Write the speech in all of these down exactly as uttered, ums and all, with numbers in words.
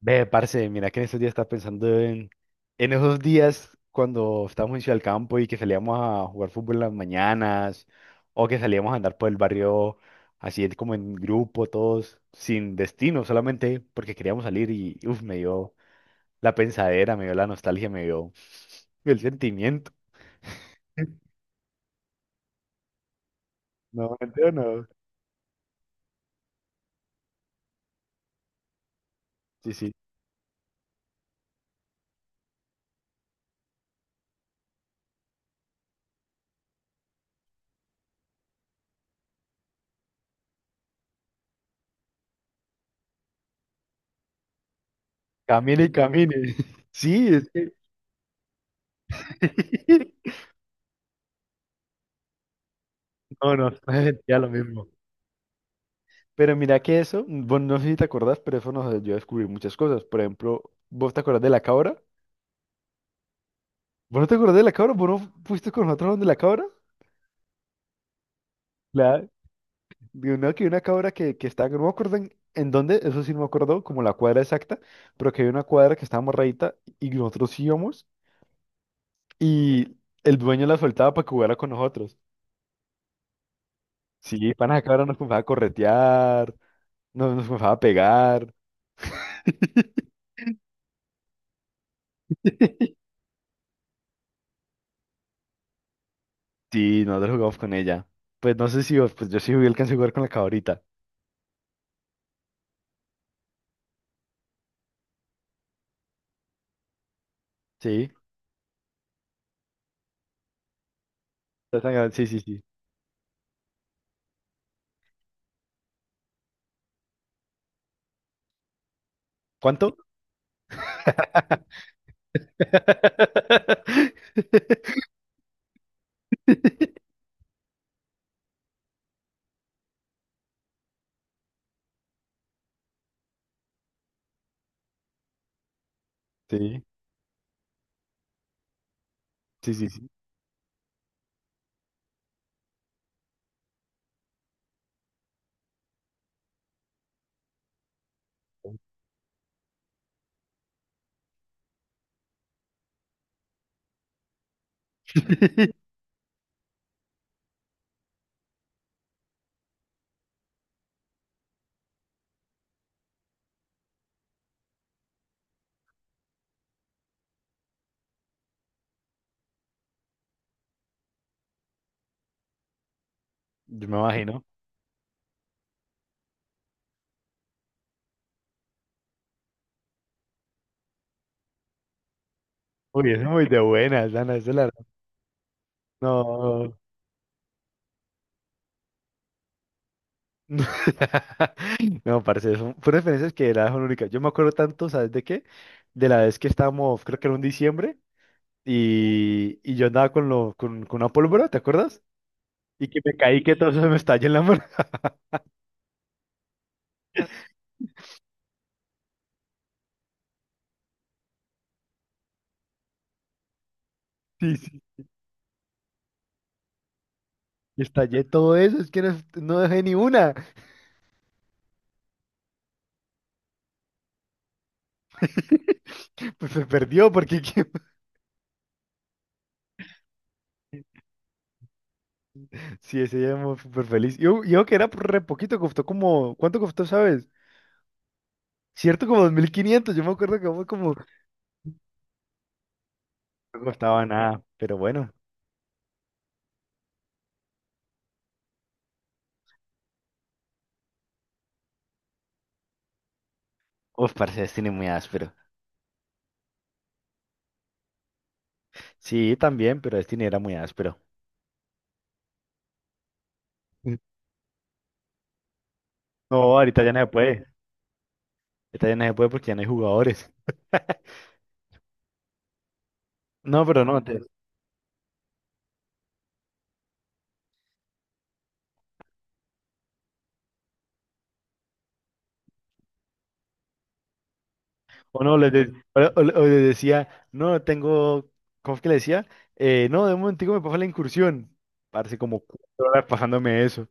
Ve, parce, mira que en estos días estaba pensando en, en esos días cuando estábamos en Ciudad del Campo y que salíamos a jugar fútbol en las mañanas o que salíamos a andar por el barrio así en- como en grupo, todos sin destino, solamente porque queríamos salir y uf, me dio la pensadera, me dio la nostalgia, me dio el sentimiento. No, mentira, no. Sí, sí. Camine y camine. Sí, es que... No, no, no sentía lo mismo. Pero mira que eso, mm, bueno, no sé si te acordás, pero eso nos ayudó a descubrir muchas cosas. Por ejemplo, ¿vos te acordás de la cabra? ¿Vos no te acordás de la cabra? ¿Vos no fuiste con nosotros donde la cabra? Claro. De una, que una cabra que, que estaba, no me acuerdo en, en dónde, eso sí no me acuerdo, como la cuadra exacta, pero que había una cuadra que estaba morradita y nosotros íbamos y el dueño la soltaba para que jugara con nosotros. Sí, para la cabra nos comenzaba a corretear, nos, nos comenzaba a pegar. Sí, nosotros jugamos con ella. Pues no sé si vos, pues yo sí alcancé a jugar con la cabrita. Sí, estás sangrando, sí, sí, sí. ¿Cuánto? Sí, sí, sí, sí. Yo me imagino. Uy, es muy de buenas, Ana, es de la... No. No, parce, son fueron experiencias que la son únicas. Yo me acuerdo tanto, ¿sabes de qué? De la vez que estábamos, creo que era un diciembre, y, y yo andaba con, lo, con, con una pólvora, ¿te acuerdas? Y que me caí, que todo eso se me estalló en la mano. Sí, sí. Y estallé todo eso, es que no, no dejé ni una. Pues se perdió, porque Sí, ese día muy súper feliz. Yo, yo que era re poquito, costó como, ¿cuánto costó, sabes? Cierto, como dos mil quinientos yo me acuerdo que fue como, no costaba nada, pero bueno. Uf, parce, Destiny muy áspero. Sí, también, pero Destiny era muy áspero. Mm. No, ahorita ya no se puede. Ahorita ya no se puede porque ya no hay jugadores. No, pero no, te- o no, les de- o, o- o les decía, no, tengo, ¿cómo es que le decía? Eh, no, de un momentico me pasa la incursión. Parece como cuatro horas pasándome eso.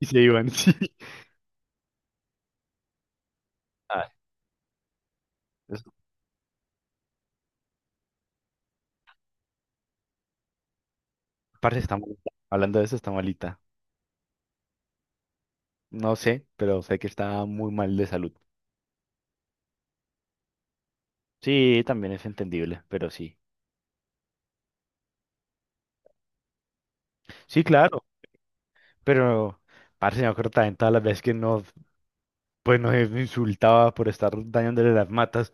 Y se iban, sí. Ah, parece que está malita. Hablando de eso, está malita. No sé, pero sé que está muy mal de salud. Sí, también es entendible, pero sí. Sí, claro, pero parce, me acuerdo también todas las veces que nos, pues nos insultaba por estar dañándole las matas.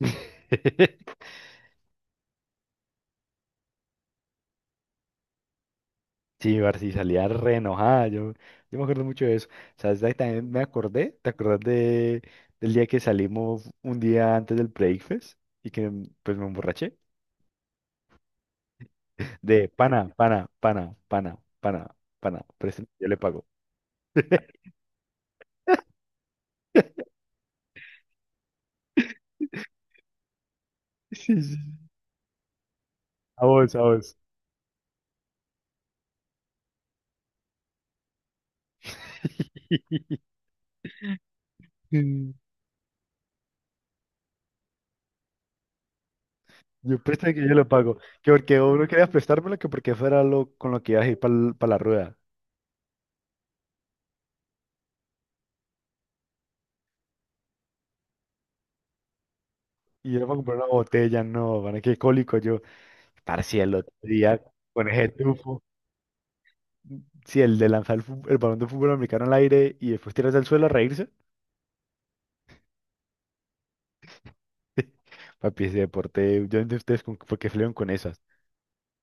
Sí, parce, salía re enojada. Yo, yo me acuerdo mucho de eso. ¿Sabes? Ahí también me acordé, ¿te acordás de, del día que salimos un día antes del Breakfast y que pues me emborraché? De pana, pana, pana, pana, pana, pana. Préstame, yo le pago. Sí, sí. A vos, a vos. Mm, yo préstame que yo le pago. Que porque vos no querías prestármelo, que porque fuera lo con lo que ibas a ir para la rueda. Y yo para comprar una botella, no, van qué cólico yo. Parce, el otro día con ese tufo. Si el de lanzar el, fu- el balón de fútbol americano al aire y después tirarse al suelo a reírse. Papi, ese deporte, yo no entiendo ustedes con, por qué salieron con esas.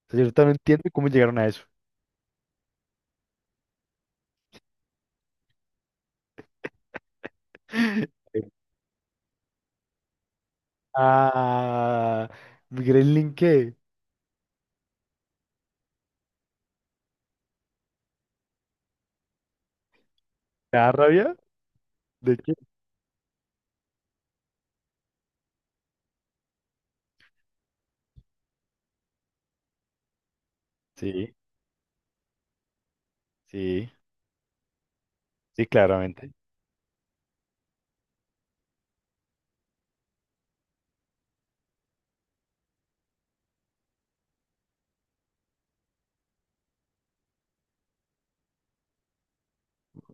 O sea, yo no entiendo cómo llegaron a eso. Ah, ¿Gremlin qué? ¿Te da rabia? ¿De qué? Sí, sí, sí, claramente.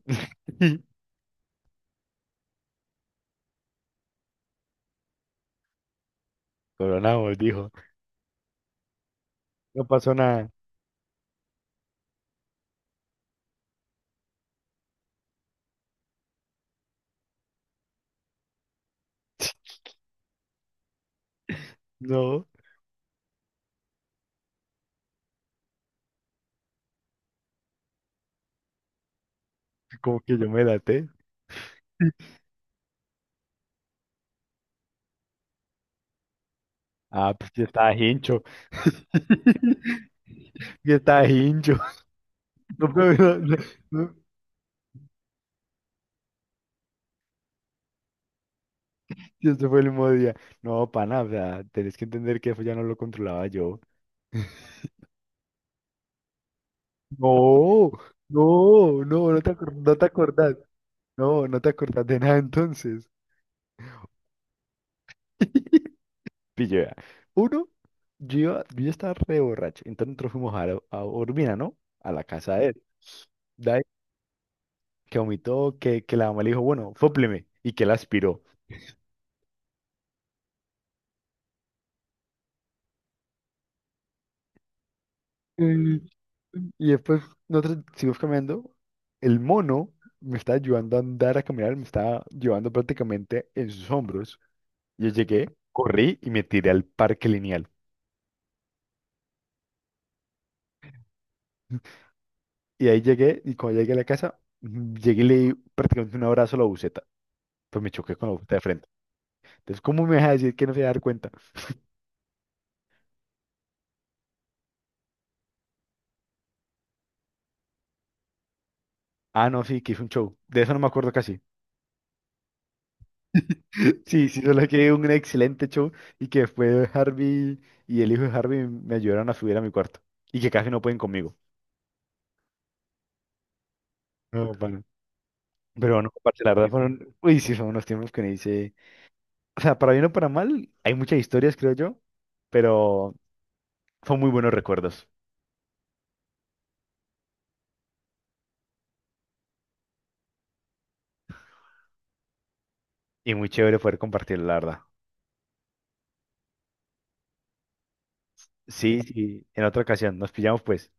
Coronamos, dijo. No pasó nada. No, como que yo me laté. Ah, pues ya estaba hincho. Ya estaba hincho. No, pero no, no, no, y este fue el mismo día. No, pana, o sea, tenés que entender que eso ya no lo controlaba yo. No, no, no, no te, acor- no te acordás. No, no te acordás de nada entonces. Pille, vea. Uno, yo, iba- yo ya estaba re borracho. Entonces nosotros fuimos a, a Urbina, ¿no? A la casa de él. De ahí, que vomitó, que, que la mamá le dijo, bueno, fópleme. Y que él aspiró. Y, y después nosotros seguimos caminando. El mono me estaba ayudando a andar, a caminar. Me estaba llevando prácticamente en sus hombros. Yo llegué, corrí y me tiré al parque lineal. Y ahí llegué, y cuando llegué a la casa, mm, llegué y le di prácticamente un abrazo a la buceta. Pues me choqué con la buceta de frente. Entonces, ¿cómo me vas a decir que no se va a dar cuenta? Ah, no, sí, que hizo un show. De eso no me acuerdo casi. Sí, sí, solo que un excelente show y que después Harvey y el hijo de Harvey me ayudaron a subir a mi cuarto y que casi no pueden conmigo. No, bueno. Pero no, parce, la verdad fueron, uy, sí, son unos tiempos que me dice, o sea, para bien o para mal, hay muchas historias, creo yo, pero son muy buenos recuerdos y muy chévere poder compartir, la verdad. Sí, sí, en otra ocasión, nos pillamos pues.